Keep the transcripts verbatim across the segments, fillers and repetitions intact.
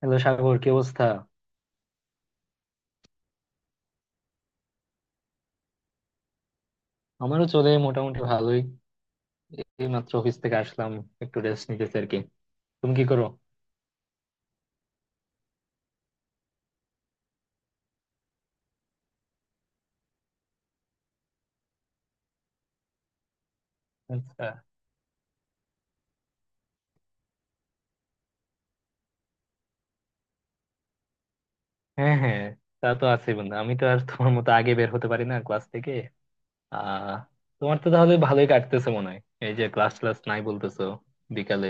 Hello Sagar, কি অবস্থা? আমারও চলে মোটামুটি ভালোই। এই মাত্র অফিস থেকে আসলাম, একটু রেস্ট নিতেছি আর কি। তুমি কি করো? আচ্ছা। হ্যাঁ হ্যাঁ, তা তো আছে বন্ধু, আমি তো আর তোমার মতো আগে বের হতে পারি না ক্লাস থেকে। আহ তোমার তো তাহলে ভালোই কাটতেছে মনে হয়, এই যে ক্লাস ক্লাস নাই বলতেছো বিকালে।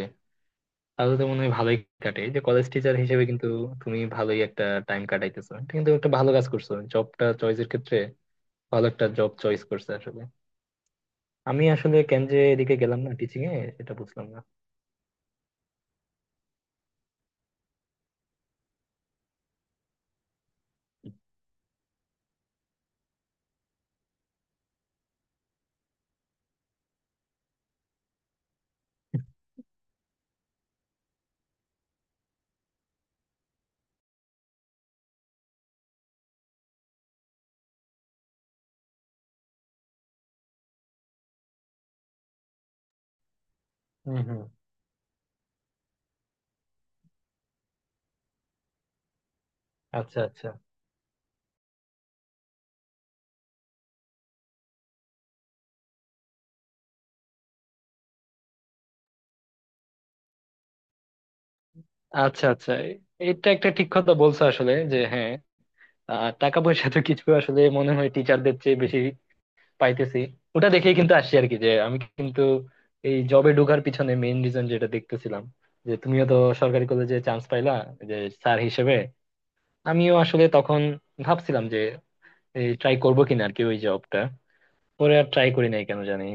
তাহলে তো মনে হয় ভালোই কাটে, এই যে কলেজ টিচার হিসেবে কিন্তু তুমি ভালোই একটা টাইম কাটাইতেছো। এটা কিন্তু একটা ভালো কাজ করছো, জবটা চয়েসের ক্ষেত্রে ভালো একটা জব চয়েস করছো আসলে। আমি আসলে কেন যে এদিকে গেলাম না টিচিং এ সেটা বুঝলাম। হম হম। আচ্ছা আচ্ছা। আচ্ছা আচ্ছা, এ- এটা একটা ঠিক কথা বলছো আসলে, যে হ্যাঁ, আহ, টাকা পয়সা তো কিছু আসলে মনে হয় টিচারদের চেয়ে বেশি পাইতেছি। ওটা দেখেই কিন্তু আসছি আর কি, যে আমি কিন্তু এই জবে ঢোকার পিছনে মেইন রিজন যেটা দেখতেছিলাম, যে তুমিও তো সরকারি কলেজে চান্স পাইলা, যে স্যার হিসেবে। আমিও আসলে তখন ভাবছিলাম যে এই ট্রাই করবো কিনা আর কি ওই জবটা। পরে আর ট্রাই করি নাই কেন জানি।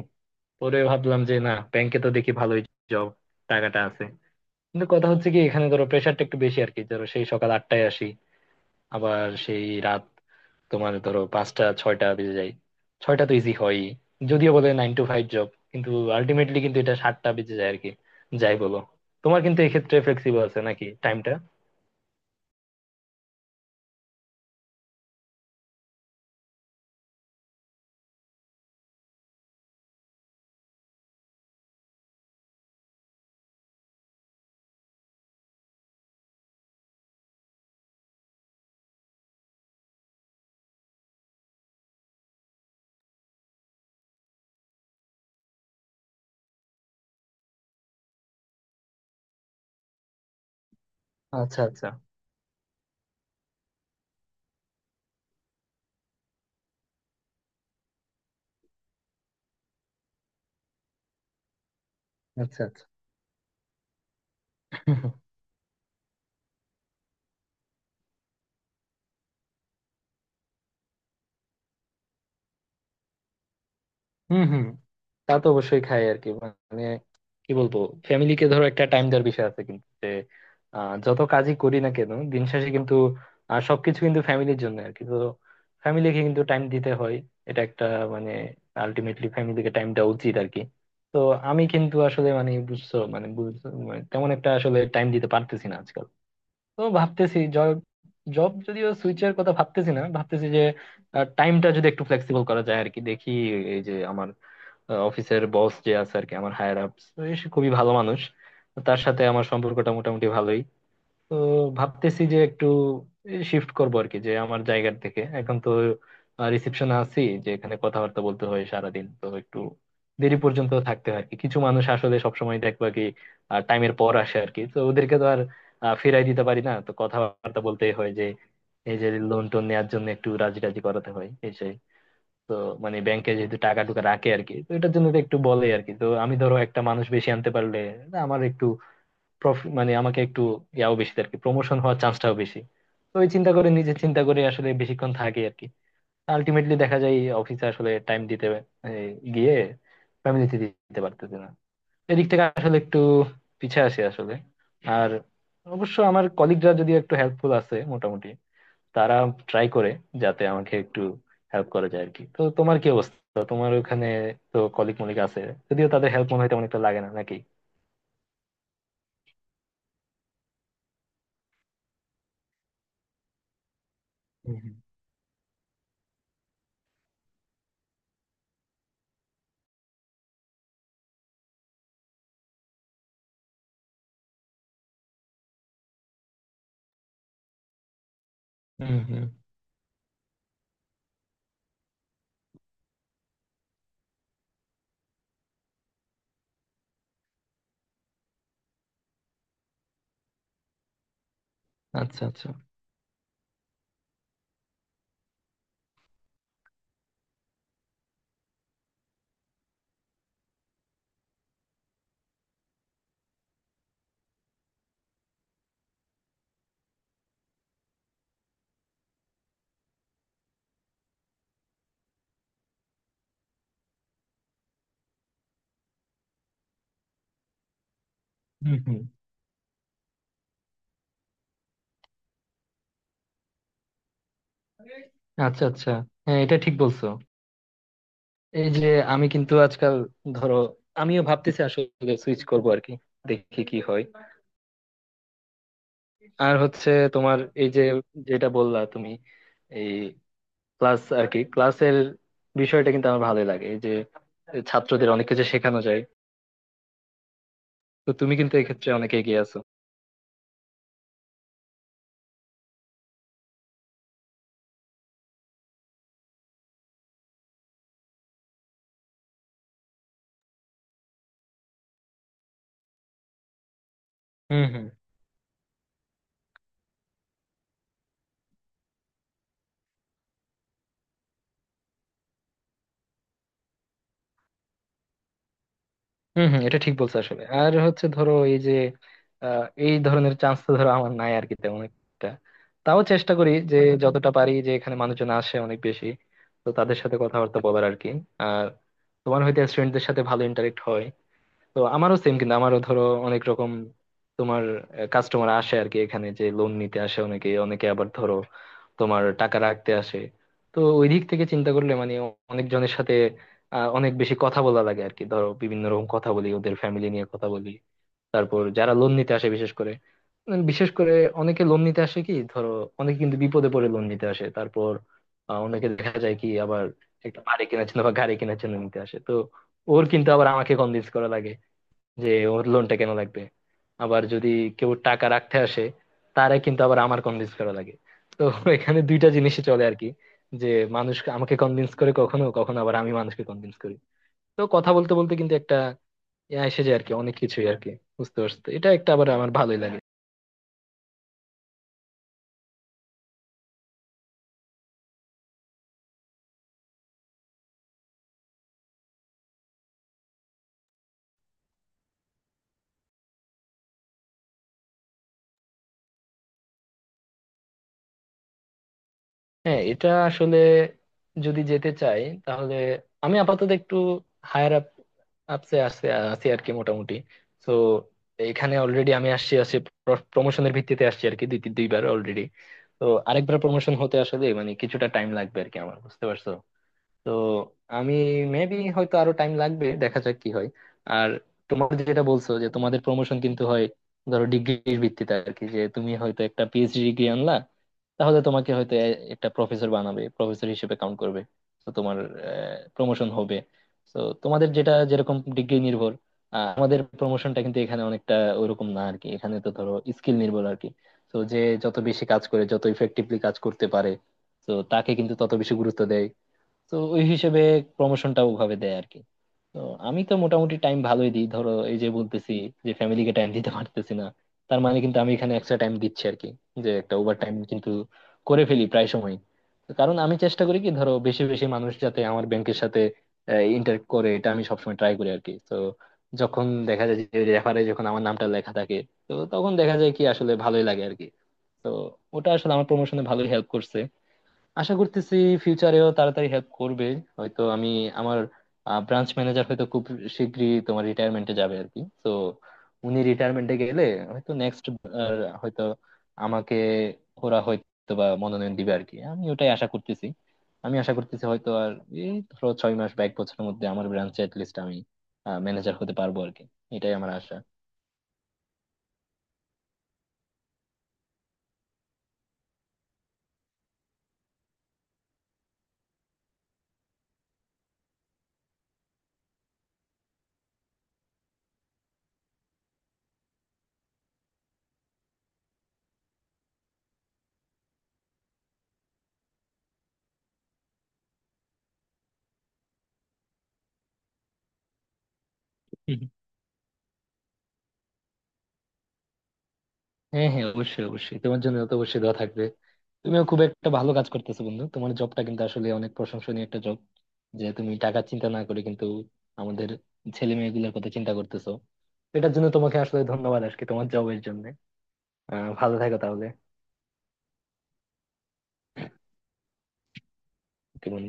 পরে ভাবলাম যে না, ব্যাংকে তো দেখি ভালোই জব, টাকাটা আছে। কিন্তু কথা হচ্ছে কি, এখানে ধরো প্রেশারটা একটু বেশি আর কি। ধরো সেই সকাল আটটায় আসি, আবার সেই রাত, তোমার ধরো পাঁচটা ছয়টা বেজে যায়। ছয়টা তো ইজি হয়ই, যদিও বলে নাইন টু ফাইভ জব, কিন্তু আলটিমেটলি কিন্তু এটা সাতটা বেজে যায় আর কি, যাই বলো। তোমার কিন্তু এক্ষেত্রে ফ্লেক্সিবল আছে নাকি টাইমটা? আচ্ছা আচ্ছা। আচ্ছা আচ্ছা। হম হম, তা তো অবশ্যই খাই আর কি। মানে কি বলবো, ফ্যামিলিকে ধরো একটা টাইম দেওয়ার বিষয় আছে কিন্তু, যে আহ, যত কাজই করি না কেন দিন শেষে কিন্তু আহ, সবকিছু কিন্তু ফ্যামিলির জন্য আর কি। তো ফ্যামিলিকে কিন্তু টাইম দিতে হয়। এটা একটা, মানে, আলটিমেটলি ফ্যামিলিকে টাইম দেওয়া উচিত আর কি। তো আমি কিন্তু আসলে মানে বুঝছো মানে বুঝছো মানে তেমন একটা আসলে টাইম দিতে পারতেছি না আজকাল। তো ভাবতেছি জব, জব যদিও সুইচের কথা ভাবতেছি না, ভাবতেছি যে টাইমটা যদি একটু ফ্লেক্সিবল করা যায় আর কি, দেখি। এই যে আমার অফিসের বস যে আছে আর কি, আমার হায়ার আপ, সে খুবই ভালো মানুষ। তো তার সাথে আমার সম্পর্কটা মোটামুটি ভালোই। তো ভাবতেছি যে একটু শিফট করবো আর কি, যে আমার জায়গার থেকে। এখন তো রিসেপশনে আছি, যে এখানে কথাবার্তা বলতে হয় সারাদিন, তো একটু দেরি পর্যন্ত থাকতে হয় আর কি। কিছু মানুষ আসলে সবসময় দেখবা কি টাইমের পর আসে আর কি, তো ওদেরকে তো আর আহ, ফিরাই দিতে পারি না, তো কথাবার্তা বলতেই হয়, যে এই যে লোন টোন নেওয়ার জন্য একটু রাজি রাজি করাতে হয় এই সেই। তো মানে ব্যাংকে যেহেতু টাকা টুকা রাখে আর কি, তো এটার জন্য তো একটু বলে আর কি। তো আমি ধরো একটা মানুষ বেশি আনতে পারলে না, আমার একটু প্রফিট, মানে আমাকে একটু ইয়াও বেশি আর কি, প্রমোশন হওয়ার চান্সটাও বেশি। তো ওই চিন্তা করে, নিজে চিন্তা করে আসলে বেশিক্ষণ থাকে আর কি। আলটিমেটলি দেখা যায় অফিসে আসলে টাইম দিতে, মানে গিয়ে ফ্যামিলিতে দিতে পারতেছে না। এদিক থেকে আসলে একটু পিছে আছি আসলে। আর অবশ্য আমার কলিগরা যদিও একটু হেল্পফুল আছে মোটামুটি, তারা ট্রাই করে যাতে আমাকে একটু হেল্প করা যায় আর কি। তো তোমার কি অবস্থা, তোমার ওখানে তো কলিগ মলিগ আছে, যদিও তাদের হেল্প মনে হয় তেমন একটা লাগে না নাকি? হুম হুম। হুম হুম। আচ্ছা আচ্ছা। হুম হুম। আচ্ছা আচ্ছা। হ্যাঁ, এটা ঠিক বলছো। এই যে আমি কিন্তু আজকাল ধরো, আমিও ভাবতেছি আসলে সুইচ করবো আর কি, দেখি কি হয়। আর হচ্ছে তোমার এই যে যেটা বললা তুমি, এই ক্লাস আর কি, ক্লাসের বিষয়টা কিন্তু আমার ভালোই লাগে, এই যে ছাত্রদের অনেক কিছু শেখানো যায়। তো তুমি কিন্তু এক্ষেত্রে অনেক এগিয়ে আছো। হুম হুম। হুম হুম, এটা ঠিক বলছো আসলে। আর হচ্ছে ধরো এই যে আহ, এই ধরনের চান্স তো ধরো আমার নাই আর কি তেমন একটা। তাও চেষ্টা করি যে যতটা পারি, যে এখানে মানুষজন আসে অনেক বেশি, তো তাদের সাথে কথাবার্তা বলার আর কি। আর তোমার হয়তো স্টুডেন্টদের সাথে ভালো ইন্টারেক্ট হয়, তো আমারও সেম কিন্তু। আমারও ধরো অনেক রকম তোমার কাস্টমার আসে আর কি, এখানে যে লোন নিতে আসে অনেকে, অনেকে আবার ধরো তোমার টাকা রাখতে আসে। তো ওই দিক থেকে চিন্তা করলে, মানে অনেকজনের সাথে আহ, অনেক বেশি কথা বলা লাগে আর কি। ধরো বিভিন্ন রকম কথা বলি, ওদের ফ্যামিলি নিয়ে কথা বলি। তারপর যারা লোন নিতে আসে বিশেষ করে, উম, বিশেষ করে অনেকে লোন নিতে আসে কি ধরো, অনেকে কিন্তু বিপদে পড়ে লোন নিতে আসে। তারপর আহ, অনেকে দেখা যায় কি আবার একটা বাড়ি কেনার জন্য বা গাড়ি কেনার জন্য নিতে আসে। তো ওর কিন্তু আবার আমাকে কনভিন্স করা লাগে যে ওর লোনটা কেন লাগবে। আবার যদি কেউ টাকা রাখতে আসে, তারে কিন্তু আবার আমার কনভিন্স করা লাগে। তো এখানে দুইটা জিনিসই চলে আর কি, যে মানুষ আমাকে কনভিন্স করে কখনো কখনো, আবার আমি মানুষকে কনভিন্স করি। তো কথা বলতে বলতে কিন্তু একটা ইয়া এসে যায় আর কি, অনেক কিছুই আর কি, বুঝতে পারছো তো। এটা একটা আবার আমার ভালোই লাগে। হ্যাঁ, এটা আসলে যদি যেতে চাই তাহলে, আমি আপাতত একটু হায়ার আপ আপসে আসছে আছি আর কি মোটামুটি। তো এখানে অলরেডি আমি আসছি আসছি প্রমোশনের ভিত্তিতে, আসছি আর কি দুই তিন- দুইবার অলরেডি। তো আরেকবার প্রমোশন হতে আসলে মানে কিছুটা টাইম লাগবে আর কি আমার, বুঝতে পারছো তো। আমি মেবি হয়তো আরো টাইম লাগবে, দেখা যাক কি হয়। আর তোমার যেটা বলছো যে তোমাদের প্রমোশন কিন্তু হয় ধরো ডিগ্রির ভিত্তিতে আর কি, যে তুমি হয়তো একটা পিএইচডি ডিগ্রি আনলা, তাহলে তোমাকে হয়তো এ- একটা প্রফেসর বানাবে, প্রফেসর হিসেবে কাউন্ট করবে, তো তোমার প্রমোশন হবে। তো তোমাদের যেটা যেরকম ডিগ্রি নির্ভর, আহ, আমাদের প্রমোশনটা কিন্তু এখানে অনেকটা ওরকম না আর কি, এখানে তো ধরো স্কিল নির্ভর আর কি। তো যে যত বেশি কাজ করে, যত ইফেক্টিভলি কাজ করতে পারে, তো তাকে কিন্তু তত বেশি গুরুত্ব দেয়। তো ওই হিসেবে প্রমোশনটা ওভাবে দেয় আর কি। তো আমি তো মোটামুটি টাইম ভালোই দিই, ধরো এই যে বলতেছি যে ফ্যামিলিকে টাইম দিতে পারতেছি না, তার মানে কিন্তু আমি এখানে এক্সট্রা টাইম দিচ্ছি আর কি, যে একটা ওভার টাইম কিন্তু করে ফেলি প্রায় সময়। তো কারণ আমি চেষ্টা করি কি ধরো, বেশি বেশি মানুষ যাতে আমার ব্যাংকের সাথে ইন্টারেক্ট করে, এটা আমি সবসময় ট্রাই করি আর কি। তো যখন দেখা যায় যে রেফারে যখন আমার নামটা লেখা থাকে, তো তখন দেখা যায় কি আসলে ভালোই লাগে আর কি। তো ওটা আসলে আমার প্রমোশনে ভালোই হেল্প করছে। আশা করতেছি ফিউচারেও তাড়াতাড়ি হেল্প করবে। হয়তো আমি, আমার ব্রাঞ্চ ম্যানেজার হয়তো খুব শীঘ্রই তোমার রিটায়ারমেন্টে যাবে আর কি, তো উনি রিটায়ারমেন্টে গেলে হয়তো নেক্সট, হয়তো আমাকে ওরা হয়তো বা মনোনয়ন দিবে আর কি। আমি ওটাই আশা করতেছি। আমি আশা করতেছি হয়তো আর এই ধরো ছয় মাস বা এক বছরের মধ্যে আমার ব্রাঞ্চে লিস্ট আমি ম্যানেজার হতে পারবো আর কি। এটাই আমার আশা। হ্যাঁ হ্যাঁ, অবশ্যই অবশ্যই, তোমার জন্য তো অবশ্যই দোয়া থাকবে। তুমিও খুব একটা ভালো কাজ করতেছো বন্ধু, তোমার জবটা কিন্তু আসলে অনেক প্রশংসনীয় একটা জব, যে তুমি টাকা চিন্তা না করে কিন্তু আমাদের ছেলে মেয়েগুলোর কথা চিন্তা করতেছো। এটার জন্য তোমাকে আসলে ধন্যবাদ আজকে তোমার জবের জন্য। আহ, ভালো থাকো তাহলে। কি বন্ধু।